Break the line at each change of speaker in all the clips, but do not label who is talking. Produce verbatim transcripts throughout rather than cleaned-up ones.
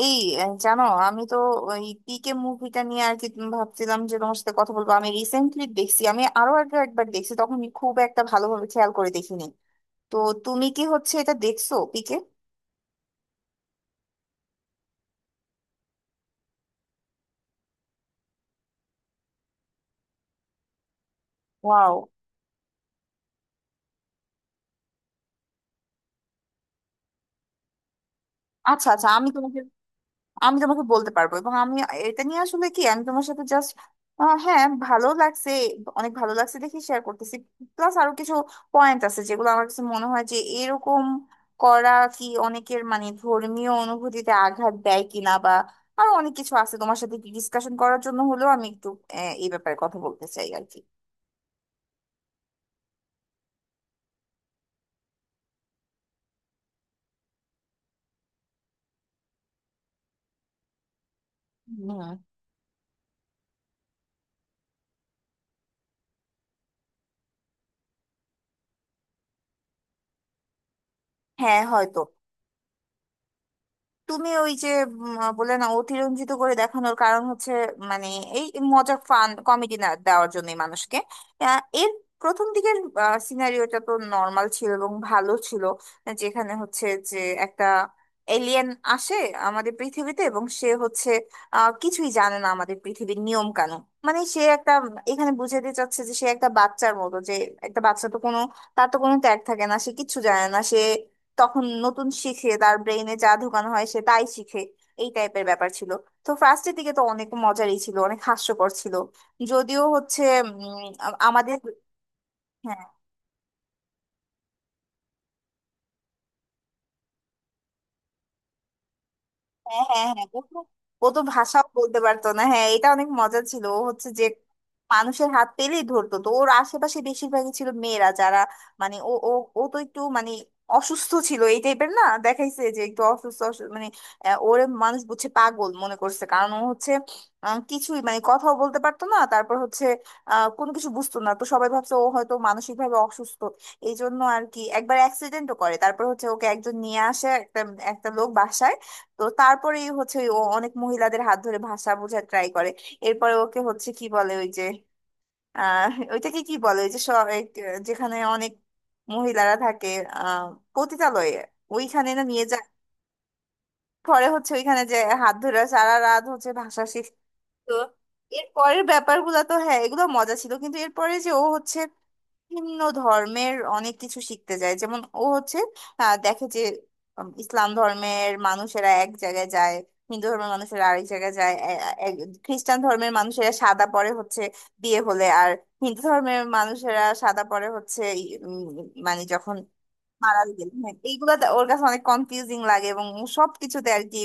এই আহ, জানো, আমি তো ওই পিকে মুভিটা নিয়ে আর কি, তুমি ভাবছিলাম যে তোমার সাথে কথা বলবো। আমি রিসেন্টলি দেখছি, আমি আরো আগে একবার দেখছি, তখন আমি খুব একটা ভালোভাবে খেয়াল করে দেখিনি। তো তুমি কি হচ্ছে এটা দেখছো পিকে? ওয়াও। আচ্ছা আচ্ছা, আমি তোমাকে আমি তোমাকে বলতে পারবো, এবং আমি এটা নিয়ে আসলে কি আমি তোমার সাথে জাস্ট, হ্যাঁ ভালো লাগছে, অনেক ভালো লাগছে দেখি, শেয়ার করতেছি। প্লাস আরো কিছু পয়েন্ট আছে যেগুলো আমার কাছে মনে হয় যে এরকম করা কি অনেকের মানে ধর্মীয় অনুভূতিতে আঘাত দেয় কিনা, বা আরো অনেক কিছু আছে তোমার সাথে ডিসকাশন করার জন্য হলেও আমি একটু আহ, এই ব্যাপারে কথা বলতে চাই আর কি। হুম। হ্যাঁ হয়তো। তুমি ওই যে উম, বলে না, অতিরঞ্জিত করে দেখানোর কারণ হচ্ছে মানে এই মজা ফান কমেডি না দেওয়ার জন্যই মানুষকে আহ, এর প্রথম দিকের সিনারিওটা তো নর্মাল ছিল এবং ভালো ছিল। যেখানে হচ্ছে যে একটা এলিয়েন আসে আমাদের পৃথিবীতে, এবং সে হচ্ছে আহ, কিছুই জানে না আমাদের পৃথিবীর নিয়ম কানুন। মানে সে একটা, এখানে বুঝাতে চাচ্ছে যে সে একটা বাচ্চার মতো, যে একটা বাচ্চা তো কোনো, তার তো কোনো ট্যাগ থাকে না, সে কিচ্ছু জানে না, সে তখন নতুন শিখে, তার ব্রেইনে যা ঢোকানো হয় সে তাই শিখে। এই টাইপের ব্যাপার ছিল। তো ফার্স্টের দিকে তো অনেক মজারই ছিল, অনেক হাস্যকর ছিল। যদিও হচ্ছে উম, আ- আমাদের, হ্যাঁ হ্যাঁ হ্যাঁ হ্যাঁ, ও তো ও তো ভাষাও বলতে পারতো না। হ্যাঁ এটা অনেক মজা ছিল। ও হচ্ছে যে মানুষের হাত পেলেই ধরতো, তো ওর আশেপাশে বেশিরভাগই ছিল মেয়েরা, যারা মানে ও ও, ও তো একটু মানে অসুস্থ ছিল এই টাইপের না দেখাইছে, যে একটু অসুস্থ অসু- মানে আহ, ওরে মানুষ বুঝছে, পাগল মনে করছে, কারণ ও হচ্ছে আহ, কিছুই মানে কথাও বলতে পারতো না। তারপর হচ্ছে আহ, কোনো কিছু বুঝতো না, তো সবাই ভাবছে ও হয়তো মানসিক ভাবে অসুস্থ। এই জন্য আর কি একবার অ্যাক্সিডেন্টও করে, তারপর হচ্ছে ওকে একজন নিয়ে আসে, একটা একটা লোক বাসায়। তো তারপরেই হচ্ছে ও অনেক মহিলাদের হাত ধরে ভাষা বোঝার ট্রাই করে। এরপরে ওকে হচ্ছে কি বলে ওই যে, আহ ওইটাকে কি বলে, ওই যে স- এক, যেখানে অনেক মহিলারা থাকে, আহ পতিতালয়ে, ওইখানে না নিয়ে যায়। পরে হচ্ছে ওইখানে যে হাত ধরে সারা রাত হচ্ছে ভাষা। তো এর পরের ব্যাপারগুলো তো, হ্যাঁ এগুলো মজা ছিল, কিন্তু এরপরে যে ও হচ্ছে ভিন্ন ধর্মের অনেক কিছু শিখতে যায়, যেমন ও হচ্ছে আহ, দেখে যে উম, ইসলাম ধর্মের মানুষেরা এক জায়গায় যায়, হিন্দু ধর্মের মানুষেরা আরেক জায়গায় যায়, এ- এ- খ্রিস্টান ধর্মের মানুষেরা সাদা পরে হচ্ছে বিয়ে হলে, আর হিন্দু ধর্মের মানুষেরা সাদা পরে হচ্ছে উম, মানে যখন মারা গেলে। হ্যাঁ এইগুলা তা- ওর কাছে অনেক কনফিউজিং লাগে, এবং সবকিছুতে আর কি।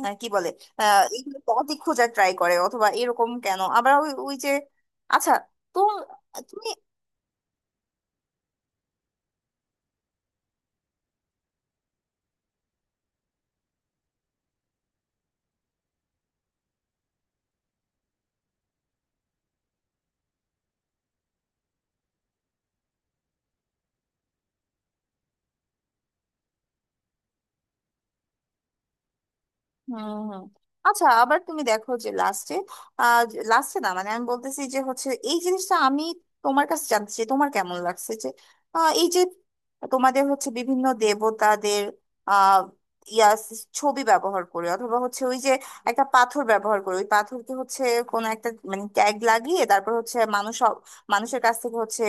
হ্যাঁ কি বলে আহ এইগুলো পথই খোঁজার ট্রাই করে, অথবা এরকম কেন। আবার ওই ওই যে, আচ্ছা, তো তুমি, হুম হুম। আচ্ছা আবার তুমি দেখো যে লাস্টে আহ লাস্টে না, মানে আমি বলতেছি যে হচ্ছে এই জিনিসটা আমি তোমার কাছে জানতে চাই তোমার কেমন লাগছে যে আহ, এই যে তোমাদের হচ্ছে বিভিন্ন দেবতাদের আহ ইয়া ছবি ব্যবহার করে, অথবা হচ্ছে ওই যে একটা পাথর ব্যবহার করে, ওই পাথরকে হচ্ছে কোনো একটা মানে ট্যাগ লাগিয়ে তারপর হচ্ছে মানুষ সব- মানুষের কাছ থেকে হচ্ছে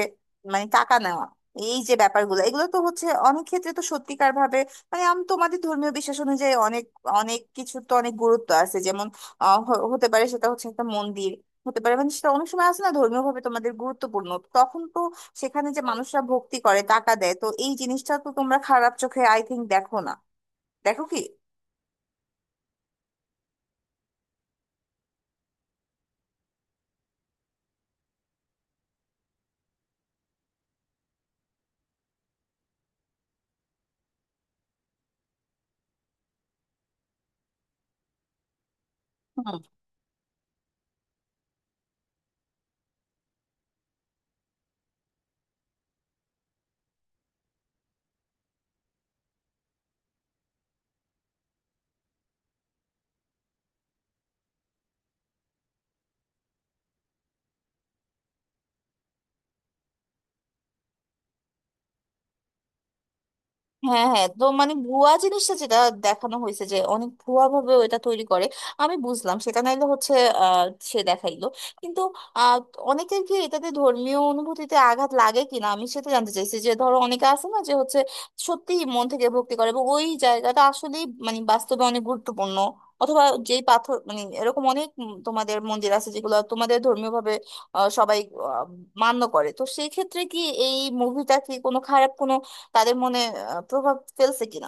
মানে টাকা নেওয়া, এই যে ব্যাপারগুলো, এগুলো তো হচ্ছে অনেক ক্ষেত্রে তো সত্যিকার ভাবে মানে আমি তোমাদের ধর্মীয় বিশ্বাস অনুযায়ী অনেক অনেক কিছু তো অনেক গুরুত্ব আছে, যেমন আহ, হ- হতে পারে সেটা হচ্ছে একটা মন্দির, হতে পারে মানে সেটা অনেক সময় আছে না ধর্মীয় ভাবে তোমাদের গুরুত্বপূর্ণ, তখন তো সেখানে যে মানুষরা ভক্তি করে টাকা দেয়, তো এই জিনিসটা তো তোমরা খারাপ চোখে আই থিংক দেখো না, দেখো কি? হ্যাঁ হ্যাঁ। তো মানে ভুয়া জিনিসটা, যেটা দেখানো হয়েছে যে অনেক ভুয়া ভাবে ওটা তৈরি করে, আমি বুঝলাম সেটা, নাইলে হচ্ছে আহ, সে দেখাইলো। কিন্তু আহ, অনেকের কি এটাতে ধর্মীয় অনুভূতিতে আঘাত লাগে কিনা আমি সেটা জানতে চাইছি। যে ধরো অনেকে আছে না যে হচ্ছে সত্যি মন থেকে ভক্তি করে এবং ওই জায়গাটা আসলেই মানে বাস্তবে অনেক গুরুত্বপূর্ণ, অথবা যেই পাথর, মানে এরকম অনেক উম তোমাদের মন্দির আছে যেগুলো তোমাদের ধর্মীয় ভাবে সবাই আহ, মান্য করে, তো সেই ক্ষেত্রে কি এই মুভিটা কি কোনো খারাপ কোনো তাদের মনে আহ, প্রভাব ফেলছে কিনা?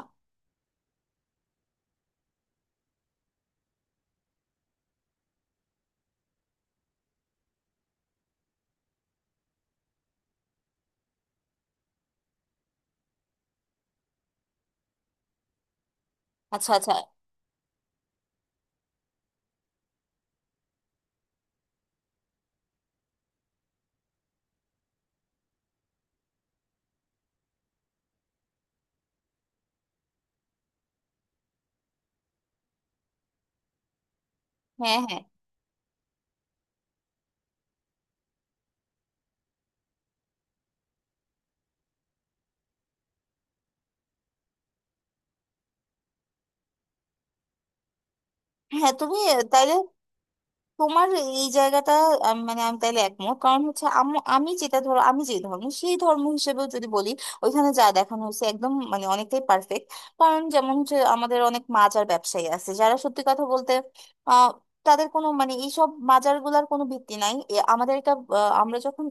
আচ্ছা আচ্ছা। হ্যাঁ হ্যাঁ হ্যাঁ। তুমি তাইলে তোমার এই জায়গাটা, আম, মানে আমি তাইলে একমত, কারণ হচ্ছে আম- আমি যেটা, ধরো আমি যে ধর্ম, সেই ধর্ম হিসেবেও যদি বলি, ওইখানে যা দেখানো হয়েছে একদম মানে অনেকটাই পারফেক্ট। কারণ যেমন হচ্ছে আমাদের অনেক মাজার ব্যবসায়ী আছে, যারা সত্যি কথা বলতে আহ তাদের কোনো মানে এইসব মাজার গুলার কোনো ভিত্তি নাই। এ আমাদের একটা আহ, আমরা যখন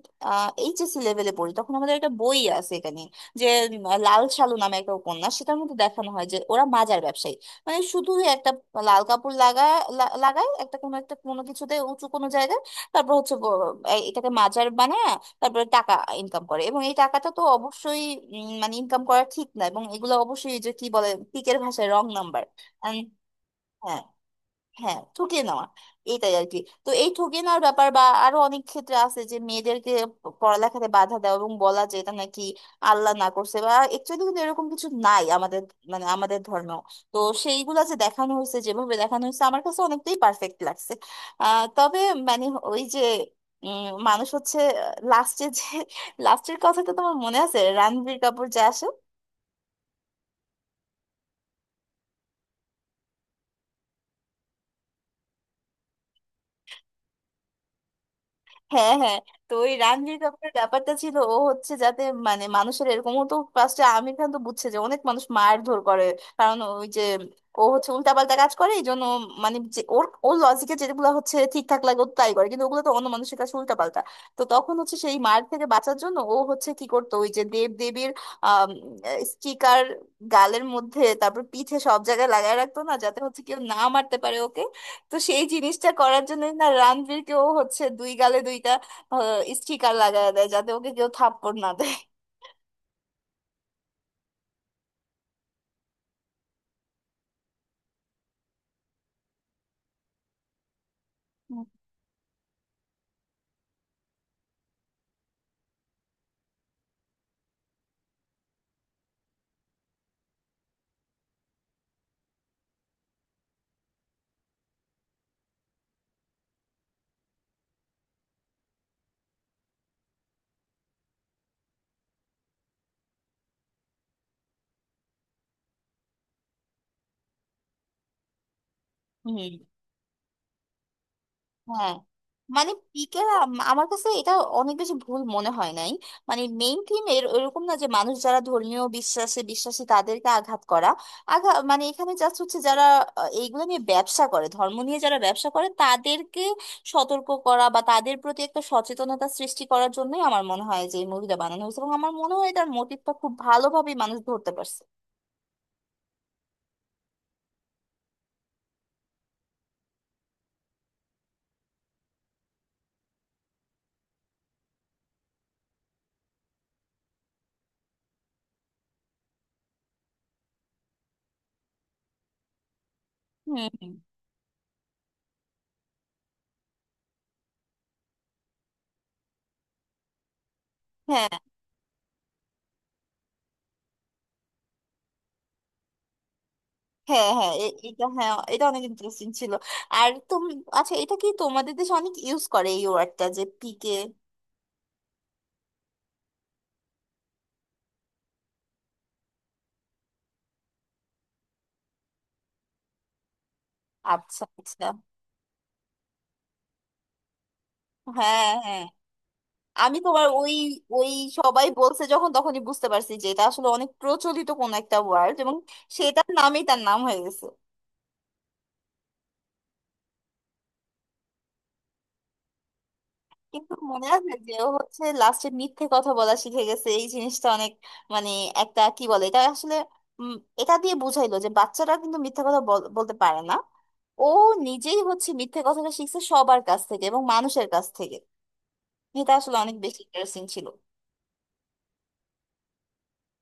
এইচএসসি লেভেলে পড়ি তখন আমাদের একটা বই আছে এখানে, যে উম, লাল সালু নামে একটা উপন্যাস, সেটার মধ্যে দেখানো হয় যে ওরা মাজার ব্যবসায়ী, মানে শুধু একটা লাল কাপড় লাগায় লা- লাগায় একটা কোনো একটা কোনো কিছুতে, উঁচু কোনো জায়গায়, তারপর হচ্ছে ব- এই- এটাকে মাজার বানায়, তারপরে টাকা ইনকাম করে। এবং এই টাকাটা তো অবশ্যই উম, মানে ইনকাম করা ঠিক না, এবং এগুলো অবশ্যই এই যে কি বলে পিকের ভাষায় রং নাম্বার। হ্যাঁ ঠকিয়ে নেওয়া, এইটাই আর কি। তো এই ঠকিয়ে নেওয়ার ব্যাপার, বা আরো অনেক ক্ষেত্রে আছে যে মেয়েদেরকে প- পড়ালেখাতে বাধা দেওয়া এবং বলা যে এটা নাকি আল্লাহ না করছে, বা একচুয়ালি কিন্তু এরকম কিছু নাই আমাদের মানে আমাদের ধর্মেও। তো সেইগুলা যে দেখানো হয়েছে যেভাবে দেখানো হয়েছে আমার কাছে অনেকটাই পারফেক্ট লাগছে। আহ তবে মানে ওই যে উম, মানুষ হচ্ছে লাস্টে যে লাস্টের কথাটা তোমার মনে আছে, রণবীর কাপুর যে আসে? হ্যাঁ হ্যাঁ। তো ওই রণবীর কাপুরের ব্যাপারটা ছিল ও হচ্ছে যাতে মানে মানুষের, এরকমও তো ফার্স্টে আমির খান তো বুঝছে যে অনেক মানুষ মারধর করে, কারণ ওই যে ও হচ্ছে উল্টাপাল্টা কাজ করে এই জন্য। মানে যে ওর ওর লজিকে যেগুলো হচ্ছে ঠিকঠাক লাগে ও তাই করে, কিন্তু ওগুলো তো অন্য মানুষের কাছে উল্টাপাল্টা। তো তখন হচ্ছে সেই মার থেকে বাঁচার জন্য ও হচ্ছে কি করতো, ওই যে দেব দেবীর স্টিকার গালের মধ্যে তারপর পিঠে সব জায়গায় লাগায় রাখতো না, যাতে হচ্ছে কেউ না মারতে পারে ওকে। তো সেই জিনিসটা করার জন্য না রণবীরকেও হচ্ছে দুই গালে দুইটা আহ, স্টিকার লাগায় দেয়, যাতে ওকে কেউ থাপ্পড় না দেয়। হুম। হ্যাঁ মানে পিকের, আমার কাছে এটা অনেক বেশি ভুল মনে হয় নাই। মানে মেইন থিম এর ওরকম না যে মানুষ যারা ধর্মীয় বিশ্বাসে বিশ্বাসী তাদেরকে আঘাত করা। আঘাত মানে এখানে জাস্ট হচ্ছে যারা আহ, এইগুলো নিয়ে ব্যবসা করে, ধর্ম নিয়ে যারা ব্যবসা করে তাদেরকে সতর্ক করা বা তাদের প্রতি একটা সচেতনতা সৃষ্টি করার জন্যই আমার মনে হয় যে এই মুভিটা বানানো হয়েছে। এবং আমার মনে হয় এটার মোটিভটা খুব ভালোভাবেই মানুষ ধরতে পারছে। হুম হুম। হ্যাঁ হ্যাঁ হ্যাঁ এ- এটা, হ্যাঁ এটা অনেক ইন্টারেস্টিং ছিল। আর তুমি, আচ্ছা এটা কি তোমাদের দেশে অনেক ইউজ করে এই ওয়ার্ডটা যে পিকে? আচ্ছা আচ্ছা। হ্যাঁ হ্যাঁ। আমি তোমার ওই ওই সবাই বলছে যখন তখনই বুঝতে পারছি যে এটা আসলে অনেক প্রচলিত কোন একটা ওয়ার্ড, এবং সেটার নামই তার নাম হয়ে গেছে। কিন্তু মনে আছে যে ও হচ্ছে লাস্টে মিথ্যে কথা বলা শিখে গেছে, এই জিনিসটা অনেক মানে একটা কি বলে এটা আসলে উম, এটা দিয়ে বুঝাইলো যে বাচ্চারা কিন্তু মিথ্যে কথা বল- বলতে পারে না। ও নিজেই হচ্ছে মিথ্যে কথাটা শিখছে সবার কাছ থেকে এবং মানুষের কাছ থেকে। এটা আসলে অনেক বেশি ইন্টারেস্টিং ছিল।